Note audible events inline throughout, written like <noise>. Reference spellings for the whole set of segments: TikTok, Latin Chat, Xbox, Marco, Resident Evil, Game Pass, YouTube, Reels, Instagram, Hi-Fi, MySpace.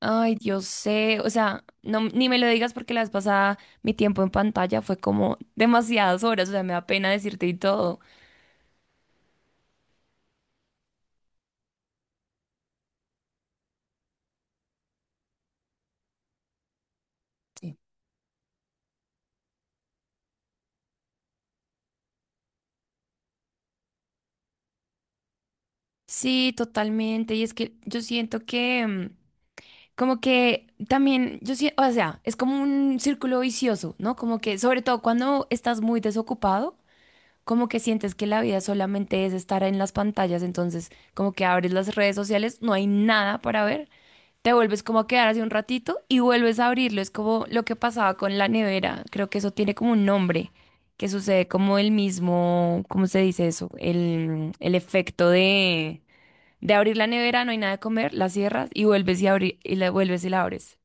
Ay, yo sé, o sea, no, ni me lo digas porque la vez pasada mi tiempo en pantalla fue como <laughs> demasiadas horas, o sea, me da pena decirte y todo. Sí. Sí, totalmente. Y es que yo siento que, como que también, yo siento, o sea, es como un círculo vicioso, ¿no? Como que, sobre todo cuando estás muy desocupado. Como que sientes que la vida solamente es estar en las pantallas, entonces como que abres las redes sociales, no hay nada para ver, te vuelves como a quedar así un ratito y vuelves a abrirlo, es como lo que pasaba con la nevera, creo que eso tiene como un nombre, que sucede como el mismo, ¿cómo se dice eso? El efecto de abrir la nevera, no hay nada de comer, la cierras y vuelves y y la vuelves y la abres.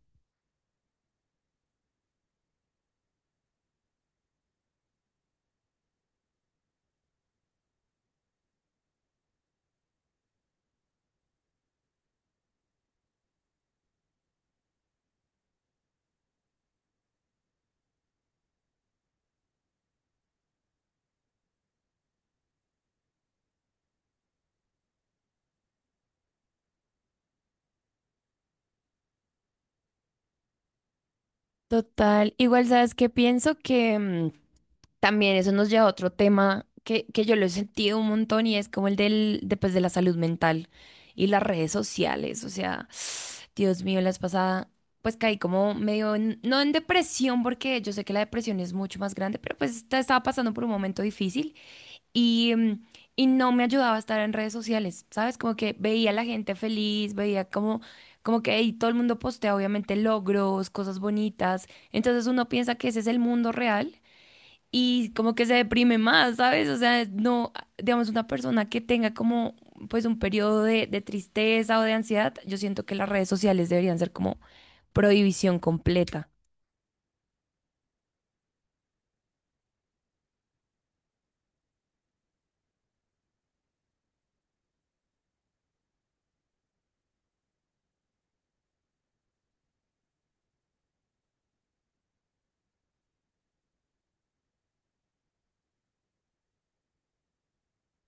Total, igual sabes que pienso que... también eso nos lleva a otro tema que yo lo he sentido un montón y es como el del, de, pues, de la salud mental y las redes sociales. O sea, Dios mío, la vez pasada, pues caí como medio, no en depresión, porque yo sé que la depresión es mucho más grande, pero pues estaba pasando por un momento difícil y, y no me ayudaba a estar en redes sociales, ¿sabes? Como que veía a la gente feliz, veía como, como que ahí todo el mundo postea obviamente logros, cosas bonitas. Entonces uno piensa que ese es el mundo real y como que se deprime más, ¿sabes? O sea, no, digamos, una persona que tenga como pues un periodo de tristeza o de ansiedad, yo siento que las redes sociales deberían ser como prohibición completa.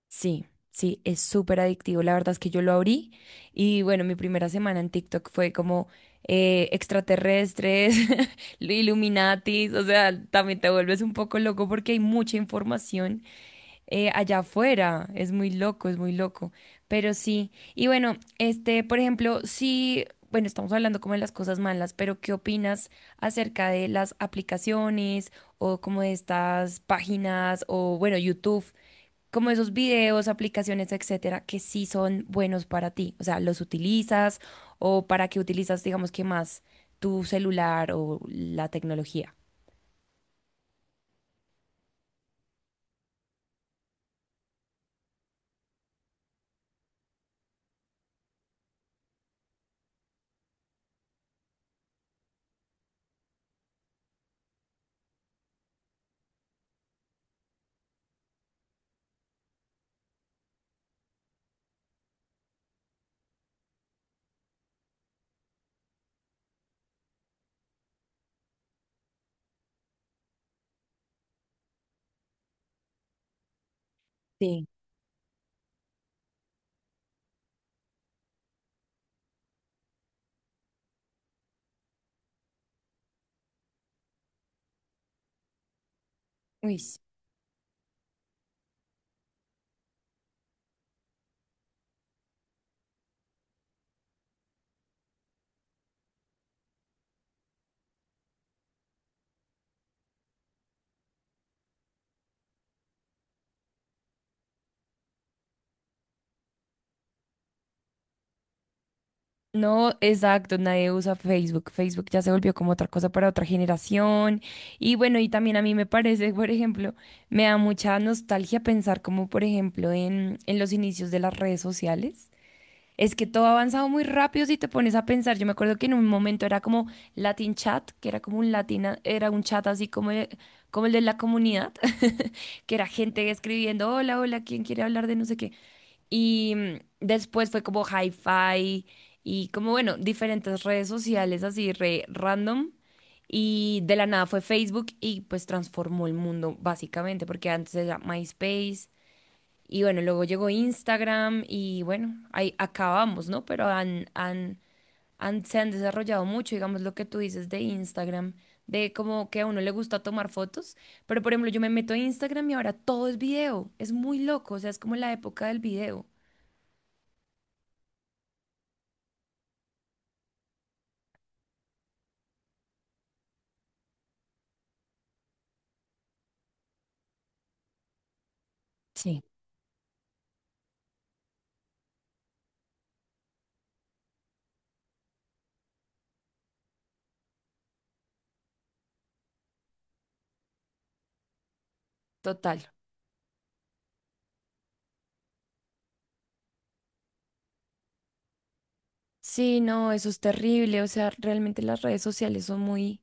Sí, sí, es súper adictivo. La verdad es que yo lo abrí y bueno, mi primera semana en TikTok fue como extraterrestres, <laughs> Illuminatis, o sea, también te vuelves un poco loco porque hay mucha información allá afuera. Es muy loco, es muy loco. Pero sí, y bueno, este, por ejemplo, sí, bueno, estamos hablando como de las cosas malas, pero ¿qué opinas acerca de las aplicaciones o como de estas páginas o bueno, YouTube? Como esos videos, aplicaciones, etcétera, que sí son buenos para ti. O sea, los utilizas o para qué utilizas, digamos que más tu celular o la tecnología. Sí. Uy, sí. No, exacto, nadie usa Facebook. Facebook ya se volvió como otra cosa para otra generación. Y bueno, y también a mí me parece, por ejemplo, me da mucha nostalgia pensar como, por ejemplo, en los inicios de las redes sociales. Es que todo ha avanzado muy rápido si te pones a pensar. Yo me acuerdo que en un momento era como Latin Chat, que era como un latina, era un chat así como, como el de la comunidad, <laughs> que era gente escribiendo, hola, hola, ¿quién quiere hablar de no sé qué? Y después fue como Hi-Fi y como, bueno, diferentes redes sociales así re random. Y de la nada fue Facebook y pues transformó el mundo básicamente, porque antes era MySpace y bueno, luego llegó Instagram y bueno, ahí acabamos, ¿no? Pero han, han, se han desarrollado mucho, digamos, lo que tú dices de Instagram, de como que a uno le gusta tomar fotos, pero por ejemplo, yo me meto a Instagram y ahora todo es video, es muy loco, o sea, es como la época del video. Sí. Total. Sí, no, eso es terrible, o sea, realmente las redes sociales son muy...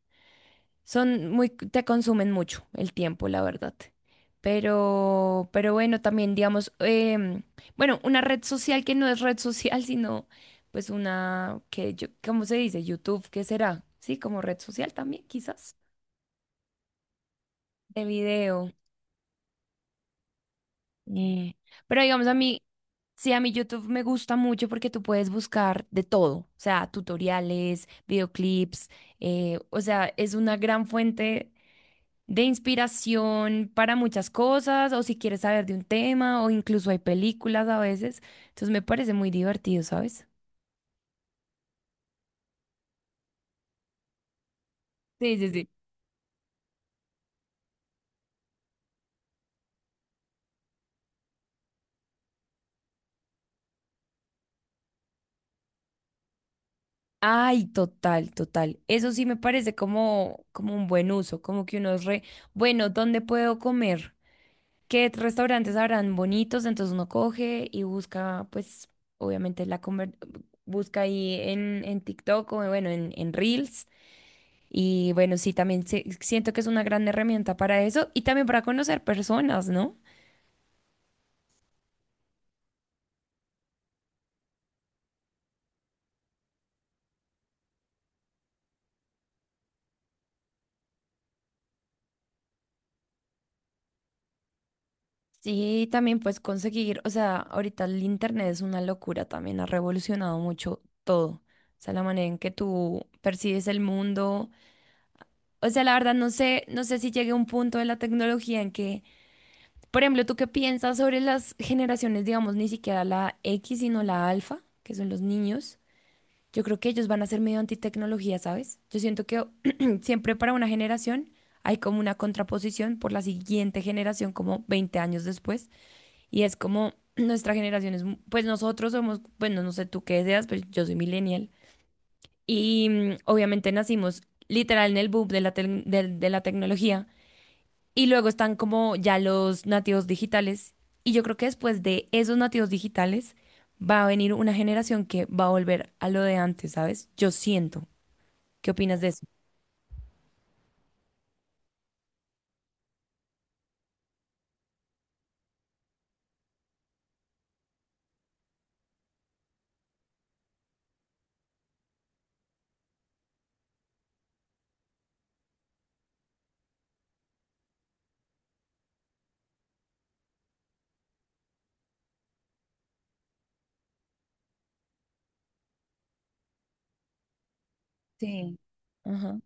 Son muy, te consumen mucho el tiempo, la verdad. Pero bueno, también digamos, bueno, una red social que no es red social, <laughs> sino pues una que yo, ¿cómo se dice? YouTube, ¿qué será? Sí, como red social también, quizás, de video. eh, Pero digamos, a mí, sí, a mí YouTube me gusta mucho porque tú puedes buscar de todo, o sea, tutoriales, videoclips, o sea, es una gran fuente de inspiración para muchas cosas, o si quieres saber de un tema, o incluso hay películas a veces. Entonces me parece muy divertido, ¿sabes? Sí, sí, sí. Ay, total, total. Eso sí me parece como, como un buen uso, como que uno es re, bueno, ¿dónde puedo comer? ¿Qué restaurantes habrán bonitos? Entonces uno coge y busca, pues, obviamente la comer, busca ahí en TikTok o bueno, en Reels. Y bueno, sí, también siento que es una gran herramienta para eso y también para conocer personas, ¿no? Sí, también pues conseguir, o sea, ahorita el internet es una locura también, ha revolucionado mucho todo. O sea, la manera en que tú percibes el mundo. O sea, la verdad no sé, no sé si llegue a un punto de la tecnología en que, por ejemplo, ¿tú qué piensas sobre las generaciones, digamos, ni siquiera la X, sino la alfa, que son los niños? Yo creo que ellos van a ser medio antitecnología, ¿sabes? Yo siento que <clears throat> siempre para una generación hay como una contraposición por la siguiente generación, como 20 años después. Y es como <clears throat> nuestra generación es, pues nosotros somos, bueno, no sé tú qué seas, pero yo soy millennial. Y obviamente nacimos literal en el boom de la, de la tecnología. Y luego están como ya los nativos digitales. Y yo creo que después de esos nativos digitales va a venir una generación que va a volver a lo de antes, ¿sabes? Yo siento. ¿Qué opinas de eso? Sí. Ajá.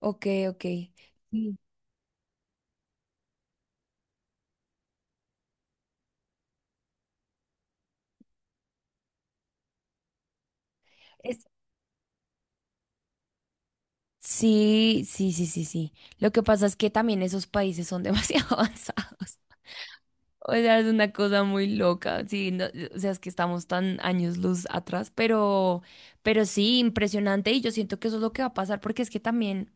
Ok, ok. Sí. Es- sí, sí, sí, sí, sí. Lo que pasa es que también esos países son demasiado <laughs> avanzados. O sea, es una cosa muy loca. Sí, no, o sea, es que estamos tan años luz atrás, pero sí, impresionante. Y yo siento que eso es lo que va a pasar, porque es que también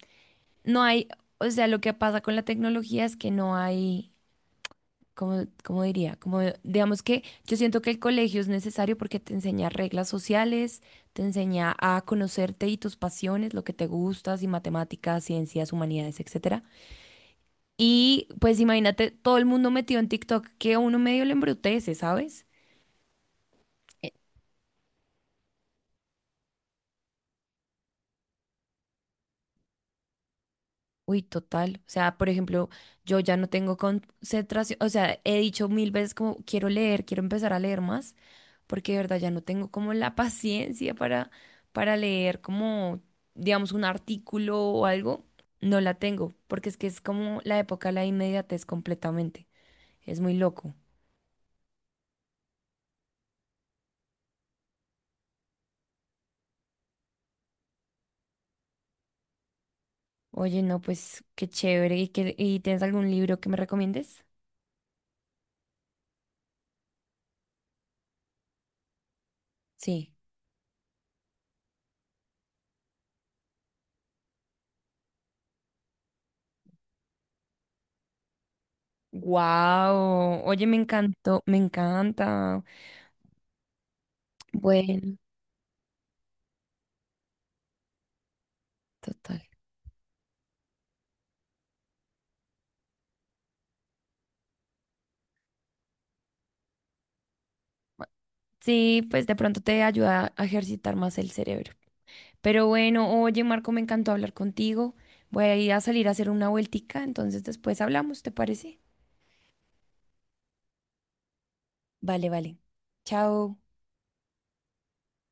no hay, o sea, lo que pasa con la tecnología es que no hay. Como, como diría, como digamos que yo siento que el colegio es necesario porque te enseña reglas sociales, te enseña a conocerte y tus pasiones, lo que te gustas y matemáticas, ciencias, humanidades, etcétera. Y pues imagínate todo el mundo metido en TikTok que a uno medio le embrutece, ¿sabes? Uy, total. O sea, por ejemplo, yo ya no tengo concentración. O sea, he dicho 1.000 veces como quiero leer, quiero empezar a leer más, porque de verdad ya no tengo como la <laughs> paciencia para leer como, digamos, un artículo o algo. No la tengo, porque es que es como la época de la inmediatez completamente. Es muy loco. Oye, no, pues qué chévere. ¿Y y tienes algún libro que me recomiendes? Sí. Wow. Oye, me encantó, me encanta. Bueno, total. Sí, pues de pronto te ayuda a ejercitar más el cerebro. Pero bueno, oye Marco, me encantó hablar contigo. Voy a ir a salir a hacer una vueltica, entonces después hablamos, ¿te parece? Vale, vale. Chao.